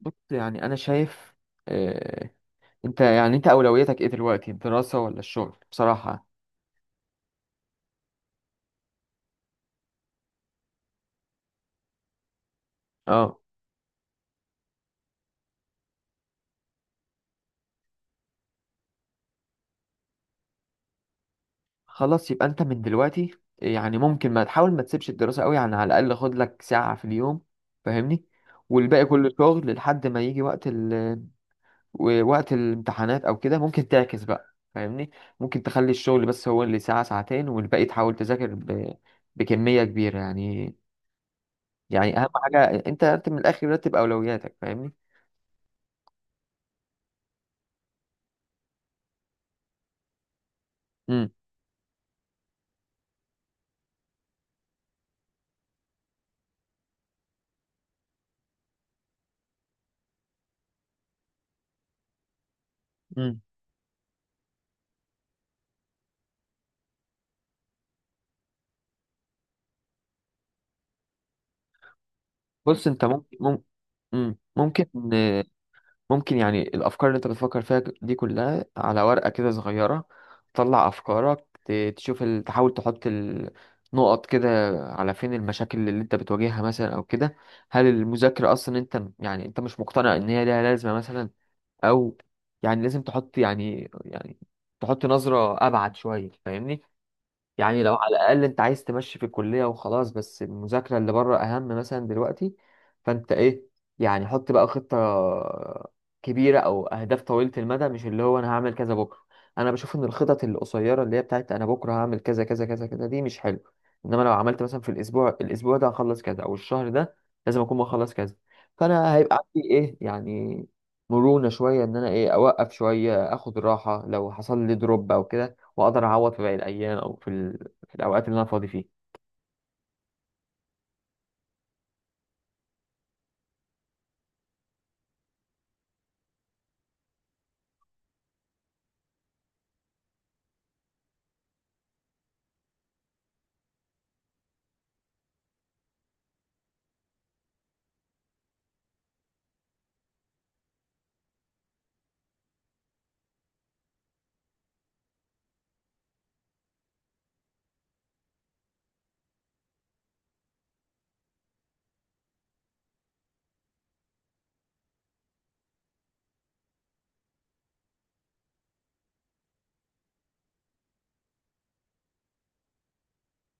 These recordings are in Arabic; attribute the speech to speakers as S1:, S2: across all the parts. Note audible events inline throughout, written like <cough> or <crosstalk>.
S1: بص يعني انا شايف آه، انت اولويتك ايه دلوقتي، الدراسة ولا الشغل بصراحة؟ اه. خلاص يبقى انت من دلوقتي، يعني ممكن ما تسيبش الدراسة قوي، يعني على الاقل خد لك ساعة في اليوم، فاهمني؟ والباقي كله شغل لحد ما يجي وقت الامتحانات او كده، ممكن تعكس بقى، فاهمني؟ ممكن تخلي الشغل بس هو اللي ساعة ساعتين، والباقي تحاول تذاكر بكمية كبيرة، يعني اهم حاجة انت رتب من الاخر، رتب اولوياتك، فاهمني؟ امم، امم. بص انت ممكن مم- مم، ممكن ممكن يعني الافكار اللي انت بتفكر فيها دي كلها على ورقه كده صغيره، تطلع افكارك، تشوف تحاول تحط النقط كده على فين المشاكل اللي انت بتواجهها مثلا او كده. هل المذاكره اصلا، انت يعني انت مش مقتنع ان هي ليها لازمه مثلا؟ او يعني لازم تحط، يعني تحط نظره ابعد شويه، فاهمني؟ يعني لو على الأقل أنت عايز تمشي في الكلية وخلاص، بس المذاكرة اللي بره أهم مثلا دلوقتي. فأنت إيه، يعني حط بقى خطة كبيرة أو أهداف طويلة المدى، مش اللي هو أنا هعمل كذا بكرة. أنا بشوف إن الخطط القصيرة اللي هي بتاعت أنا بكرة هعمل كذا كذا كذا كذا دي مش حلو. إنما لو عملت مثلا في الأسبوع، الأسبوع ده هخلص كذا، أو الشهر ده لازم أكون مخلص كذا، فأنا هيبقى عندي إيه، يعني مرونة شوية إن أنا إيه أوقف شوية، أخد راحة لو حصل لي دروب أو كده، واقدر اعوض في باقي الايام او في في الاوقات اللي انا فاضي فيه.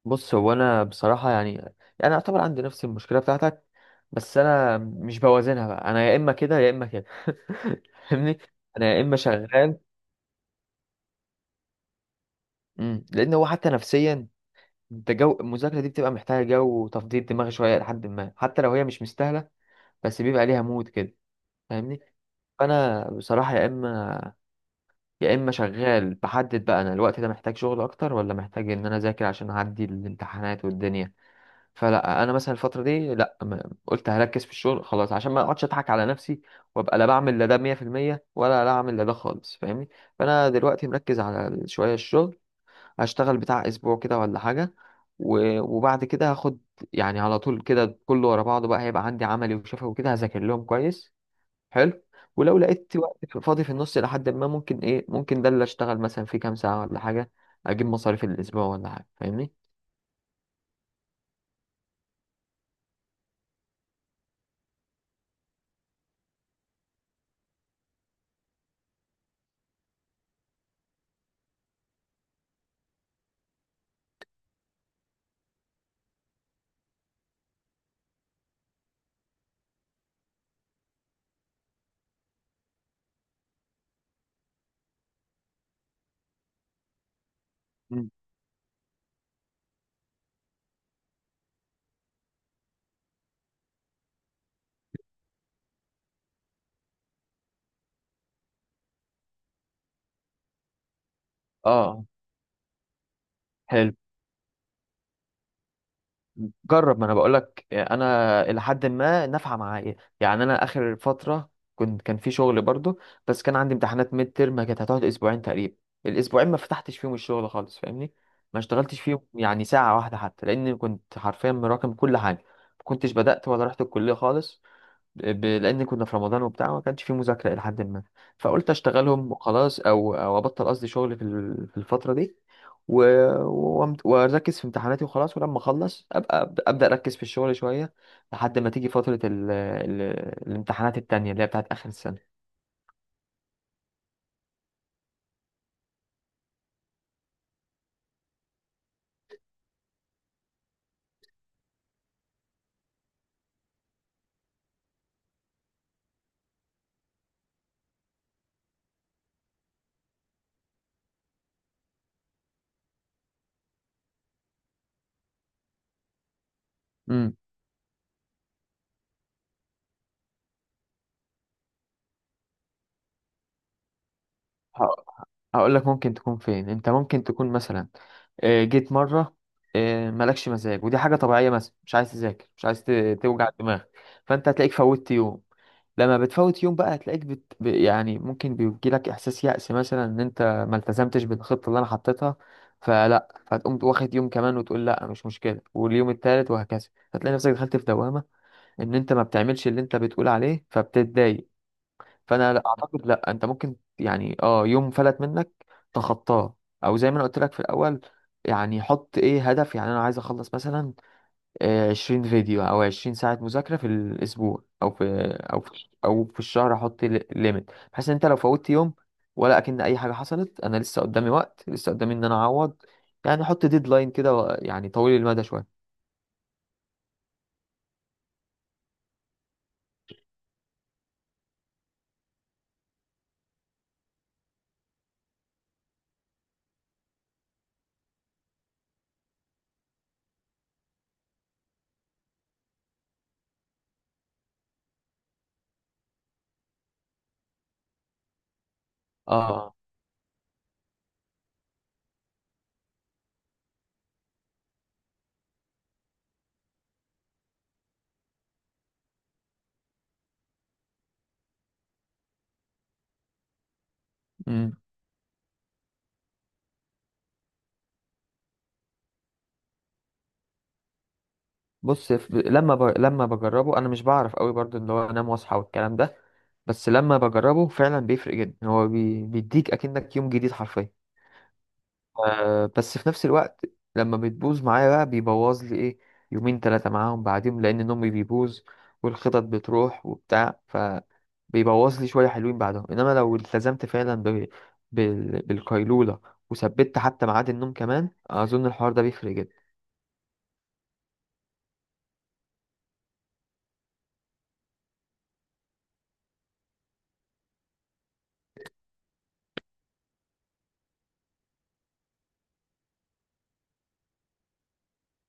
S1: بص هو انا بصراحه يعني، يعني اعتبر عندي نفس المشكله بتاعتك، بس انا مش بوازنها بقى، انا يا اما كده يا اما كده. <laughs> فاهمني. انا يا اما شغال. مم. لان هو حتى نفسيا، انت جو المذاكره دي بتبقى محتاجه جو وتفضيل دماغ شويه، لحد ما حتى لو هي مش مستاهله بس بيبقى ليها مود كده، فاهمني؟ فانا بصراحه يا اما شغال بحدد بقى انا الوقت ده محتاج شغل اكتر ولا محتاج ان انا اذاكر عشان اعدي الامتحانات والدنيا. فلا انا مثلا الفتره دي لا قلت هركز في الشغل خلاص عشان ما اقعدش اضحك على نفسي، وابقى لا بعمل لا ده 100% ولا لا اعمل لا ده خالص، فاهمني؟ فانا دلوقتي مركز على شويه الشغل، هشتغل بتاع اسبوع كده ولا حاجه وبعد كده هاخد، يعني على طول كده كله ورا بعضه بقى، هيبقى عندي عملي وشفوي وكده هذاكر لهم كويس. حلو. ولو لقيت وقت فاضي في النص لحد ما، ممكن ايه، ممكن ده اللي اشتغل مثلا فيه كام ساعه ولا حاجه، اجيب مصاريف الاسبوع ولا حاجه، فاهمني؟ مم. اه. حلو، جرب، ما انا بقول لك انا الى حد ما نافعه معايا. يعني انا اخر فتره كنت، كان في شغل برضو، بس كان عندي امتحانات ميد ترم كانت هتقعد اسبوعين تقريبا. الاسبوعين ما فتحتش فيهم الشغل خالص، فاهمني؟ ما اشتغلتش فيهم يعني ساعه واحده حتى، لان كنت حرفيا مراكم كل حاجه. ما كنتش بدات ولا رحت الكليه خالص، لان كنا في رمضان وبتاع، ما كانش فيه مذاكره الى حد ما. فقلت اشتغلهم وخلاص، او ابطل، قصدي شغل في الفتره دي. و... واركز في امتحاناتي وخلاص، ولما اخلص ابقى أبدأ اركز في الشغل شويه لحد ما تيجي فتره الامتحانات التانية اللي هي بتاعت اخر السنه. امم. ه- هقول لك ممكن تكون فين. انت ممكن تكون مثلا آه، جيت مرة آه، مالكش مزاج، ودي حاجة طبيعية مثلا، مش عايز تذاكر، مش عايز توجع دماغك، فأنت هتلاقيك فوتت يوم. لما بتفوت يوم بقى هتلاقيك يعني ممكن بيجيلك إحساس يأس مثلا، إن أنت ما التزمتش بالخطة اللي أنا حطيتها، فتقوم واخد يوم كمان وتقول لا مش مشكلة، واليوم التالت وهكذا. هتلاقي نفسك دخلت في دوامة، إن أنت ما بتعملش اللي أنت بتقول عليه فبتتضايق. فانا لا اعتقد، لا انت ممكن يعني اه يوم فلت منك تخطاه، او زي ما انا قلت لك في الاول، يعني حط ايه هدف، يعني انا عايز اخلص مثلا آه، 20 فيديو او 20 ساعة مذاكرة في الاسبوع او في الشهر، احط ليميت بحيث ان انت لو فوتت يوم ولا اكن اي حاجة حصلت، انا لسه قدامي وقت، لسه قدامي ان انا اعوض. يعني حط ديدلاين كده، يعني طويل المدى شوية. اه. امم. بص لما بجربه انا مش بعرف قوي برضو ان هو انام واصحى والكلام ده، بس لما بجربه فعلا بيفرق جدا، هو بيديك اكنك يوم جديد حرفيا. آه بس في نفس الوقت لما بتبوظ معايا بقى بيبوظ لي ايه، يومين ثلاثة معاهم، بعدين لان نومي بيبوظ والخطط بتروح وبتاع، ف بيبوظ لي شوية حلوين بعدهم. انما لو التزمت فعلا بالقيلولة، وثبت حتى ميعاد النوم كمان، اظن الحوار ده بيفرق جدا.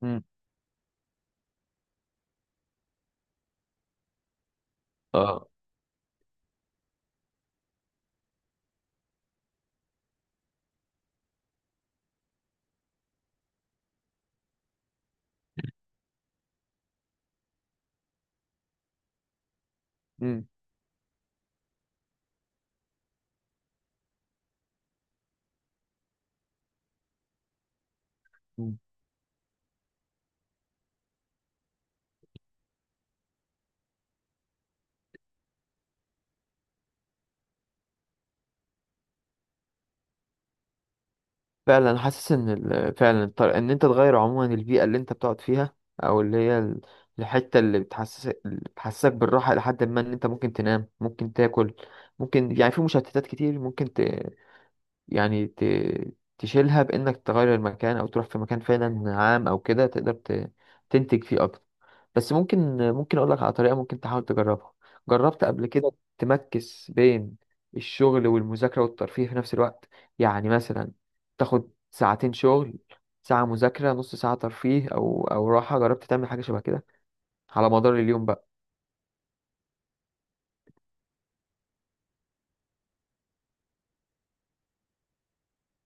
S1: مم. اه. مم. فعلا حاسس ان ال- فعلا الطر- ان انت تغير عموما البيئه اللي انت بتقعد فيها، او اللي هي الحته اللي بتحسسك بالراحه لحد ما ان انت ممكن تنام، ممكن تاكل، ممكن يعني في مشتتات كتير، ممكن يعني تشيلها بإنك تغير المكان أو تروح في مكان فعلا عام أو كده تقدر تنتج فيه أكتر. بس ممكن أقول لك على طريقة ممكن تحاول تجربها، جربت قبل كده؟ تمكس بين الشغل والمذاكرة والترفيه في نفس الوقت، يعني مثلا تاخد ساعتين شغل، ساعة مذاكرة، نص ساعة ترفيه أو أو راحة، جربت تعمل حاجة شبه كده على مدار اليوم بقى؟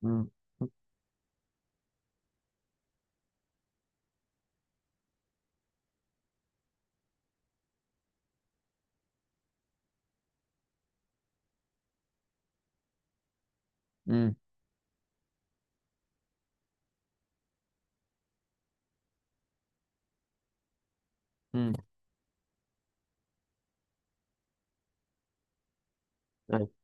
S1: مم. مم. مم.